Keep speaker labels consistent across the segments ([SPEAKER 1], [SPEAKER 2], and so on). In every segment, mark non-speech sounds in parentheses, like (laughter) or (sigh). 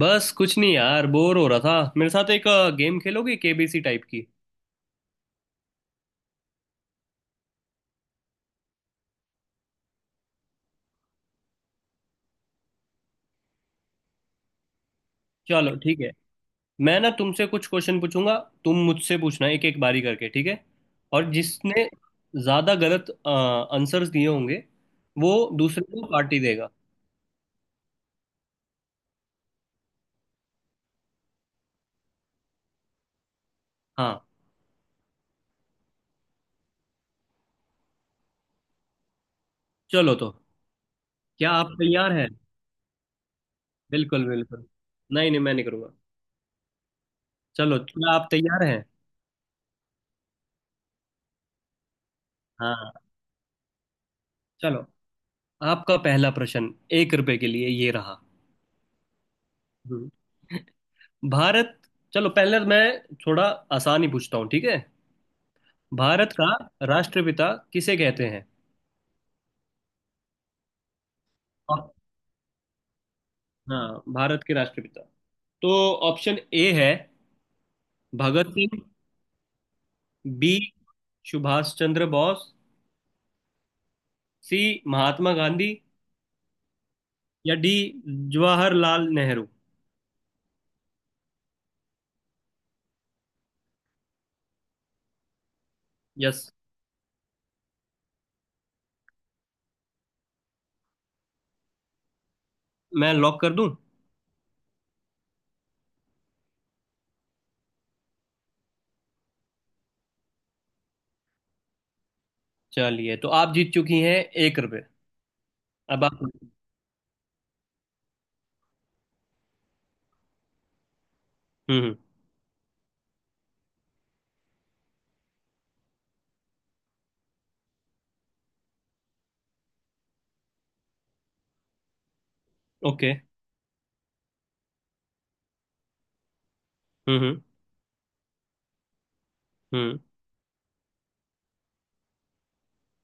[SPEAKER 1] बस कुछ नहीं यार, बोर हो रहा था। मेरे साथ एक गेम खेलोगे, केबीसी टाइप की? चलो ठीक है। मैं ना तुमसे कुछ क्वेश्चन पूछूंगा, तुम मुझसे पूछना, एक एक बारी करके, ठीक है? और जिसने ज्यादा गलत आंसर्स दिए होंगे, वो दूसरे को पार्टी देगा। हाँ। चलो, तो क्या आप तैयार हैं? बिल्कुल बिल्कुल। नहीं नहीं, मैं नहीं करूंगा। चलो, क्या आप तैयार हैं? हाँ। चलो। आपका पहला प्रश्न, एक रुपए के लिए, ये रहा। हम्म। भारत, चलो पहले मैं थोड़ा आसान ही पूछता हूँ, ठीक है? भारत का राष्ट्रपिता किसे कहते हैं? और- हाँ, भारत के राष्ट्रपिता। तो ऑप्शन ए है भगत सिंह। बी, सुभाष चंद्र बोस। सी, महात्मा गांधी। या डी, जवाहरलाल नेहरू। यस। मैं लॉक कर दूं? चलिए, तो आप जीत चुकी हैं 1 रुपये। अब आप। हम्म, ओके। हम्म हम्म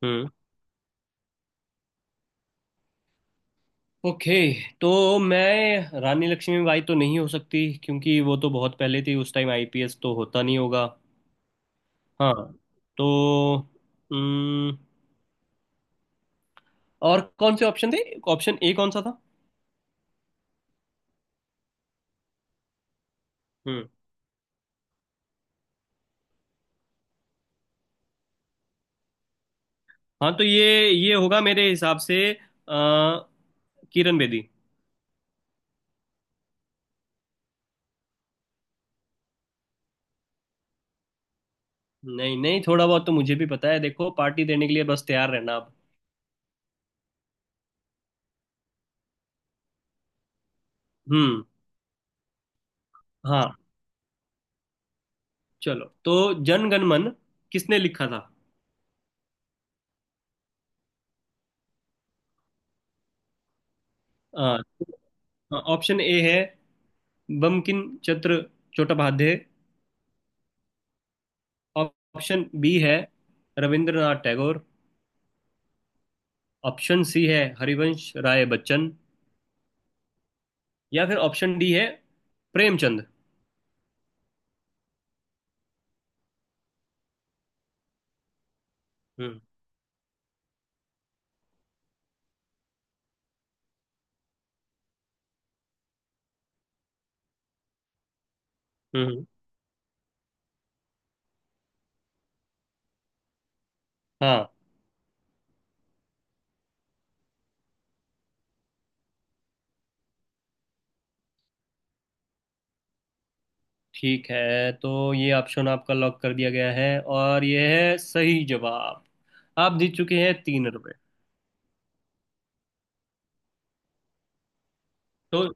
[SPEAKER 1] हम्म ओके, तो मैं रानी लक्ष्मीबाई तो नहीं हो सकती, क्योंकि वो तो बहुत पहले थी, उस टाइम आईपीएस तो होता नहीं होगा। हाँ। तो हम्म, और कौन से ऑप्शन थे? ऑप्शन ए कौन सा था? हम्म। हाँ, तो ये होगा मेरे हिसाब से किरण बेदी। नहीं नहीं, थोड़ा बहुत तो मुझे भी पता है। देखो, पार्टी देने के लिए बस तैयार रहना अब। हम्म। हाँ, चलो, तो जन गण मन किसने लिखा था? अ, ऑप्शन ए है बंकिम चंद्र चट्टोपाध्याय। ऑप्शन बी है रविंद्रनाथ टैगोर। ऑप्शन सी है हरिवंश राय बच्चन। या फिर ऑप्शन डी है प्रेमचंद। हम्म। हम्म। हाँ, ठीक है। तो ये ऑप्शन आपका लॉक कर दिया गया है, और ये है सही जवाब। आप जीत चुके हैं 3 रुपए। तो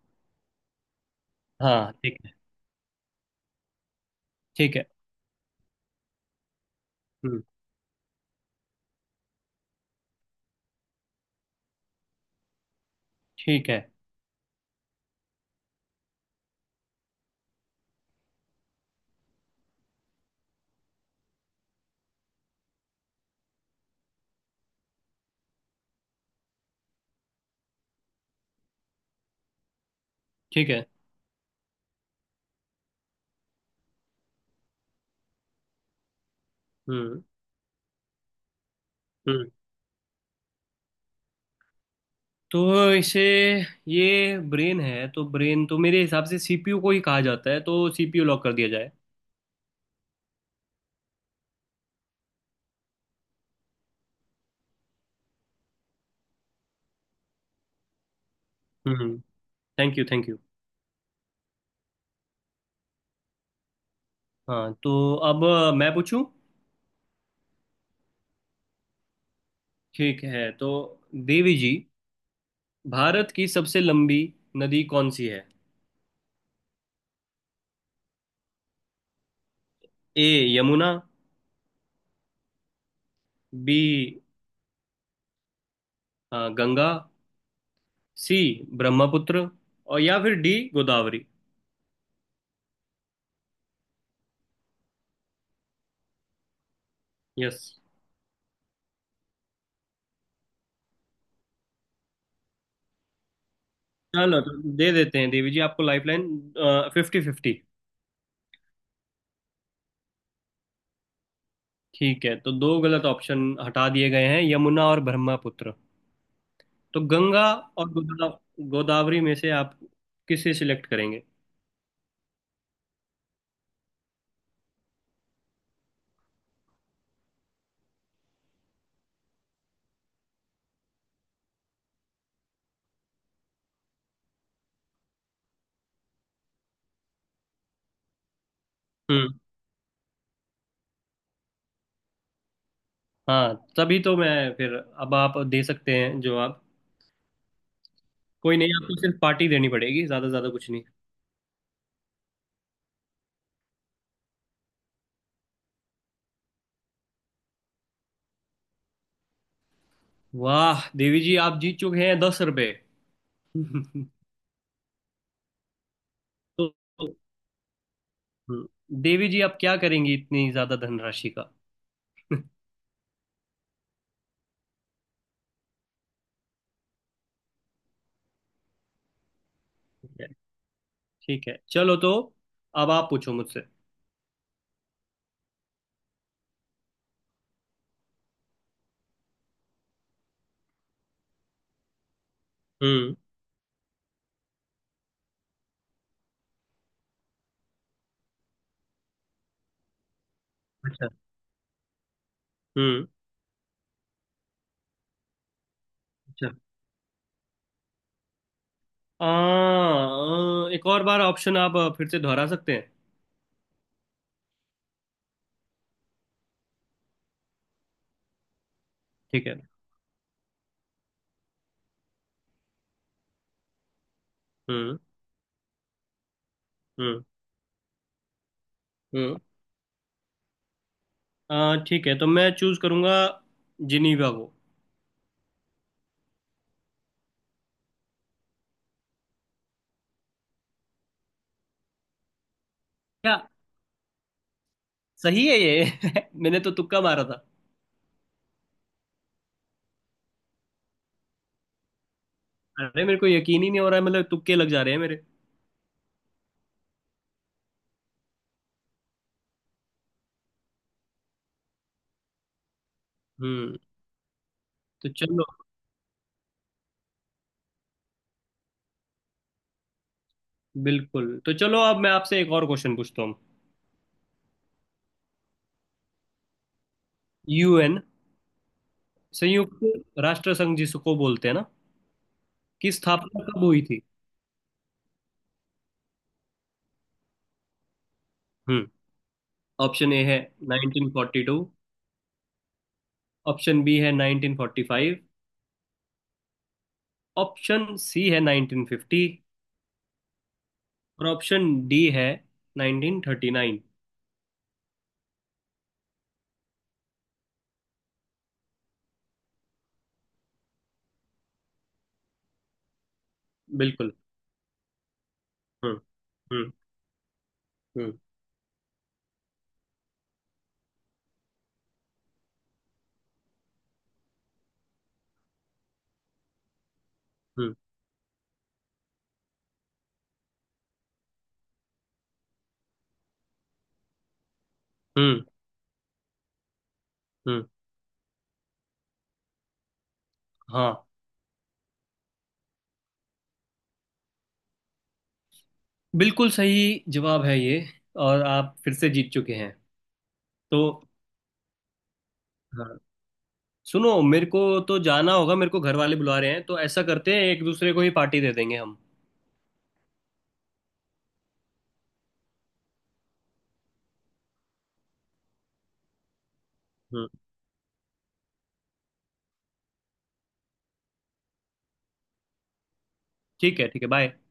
[SPEAKER 1] हाँ, ठीक है। ठीक है। हम्म। ठीक है। ठीक है। हम्म। हम्म। तो इसे, ये ब्रेन है, तो ब्रेन तो मेरे हिसाब से सीपीयू को ही कहा जाता है, तो सीपीयू लॉक कर दिया जाए। हम्म। Thank you thank you. हाँ, तो अब मैं पूछूं? ठीक है, तो देवी जी, भारत की सबसे लंबी नदी कौन सी है? A, Yamuna. B, Ganga. C, Brahmaputra. और या फिर डी, गोदावरी। यस। चलो, तो दे देते हैं देवी जी आपको लाइफलाइन, फिफ्टी फिफ्टी। ठीक है, तो दो गलत ऑप्शन हटा दिए गए हैं, यमुना और ब्रह्मपुत्र। तो गंगा और गोदावरी में से आप किसे सिलेक्ट करेंगे? हम्म। हाँ, तभी तो मैं फिर। अब आप दे सकते हैं जो आप। कोई नहीं, आपको सिर्फ पार्टी देनी पड़ेगी, ज्यादा ज्यादा कुछ नहीं। वाह देवी जी, आप जीत चुके हैं 10 रुपये। (laughs) तो हम्म, देवी जी, आप क्या करेंगी इतनी ज्यादा धनराशि का? (laughs) ठीक है। ठीक है। चलो, तो अब आप पूछो मुझसे। हम्म। अच्छा। हम्म। आ, आ, एक और बार ऑप्शन आप फिर से दोहरा सकते हैं? ठीक है। हम्म। हम्म। हम्म। ठीक है, तो मैं चूज करूंगा जिनीवा को। क्या? सही है ये। (laughs) मैंने तो तुक्का मारा था। अरे मेरे को यकीन ही नहीं हो रहा है, मतलब तुक्के लग जा रहे हैं मेरे। हम्म। तो चलो, बिल्कुल। तो चलो, अब मैं आपसे एक और क्वेश्चन पूछता हूँ। यूएन, संयुक्त राष्ट्र संघ जिसको बोलते हैं ना, की स्थापना कब हुई थी? हम्म। ऑप्शन ए है 1942। ऑप्शन बी है 1945। ऑप्शन सी है 1950। और ऑप्शन डी है 1939। बिल्कुल। हम्म। हम्म। हम्म। हम्म। हम्म। हम्म, हाँ, बिल्कुल सही जवाब है ये, और आप फिर से जीत चुके हैं। तो हाँ, सुनो, मेरे को तो जाना होगा, मेरे को घर वाले बुला रहे हैं, तो ऐसा करते हैं, एक दूसरे को ही पार्टी दे देंगे हम। हम्म। ठीक है। ठीक है। बाय।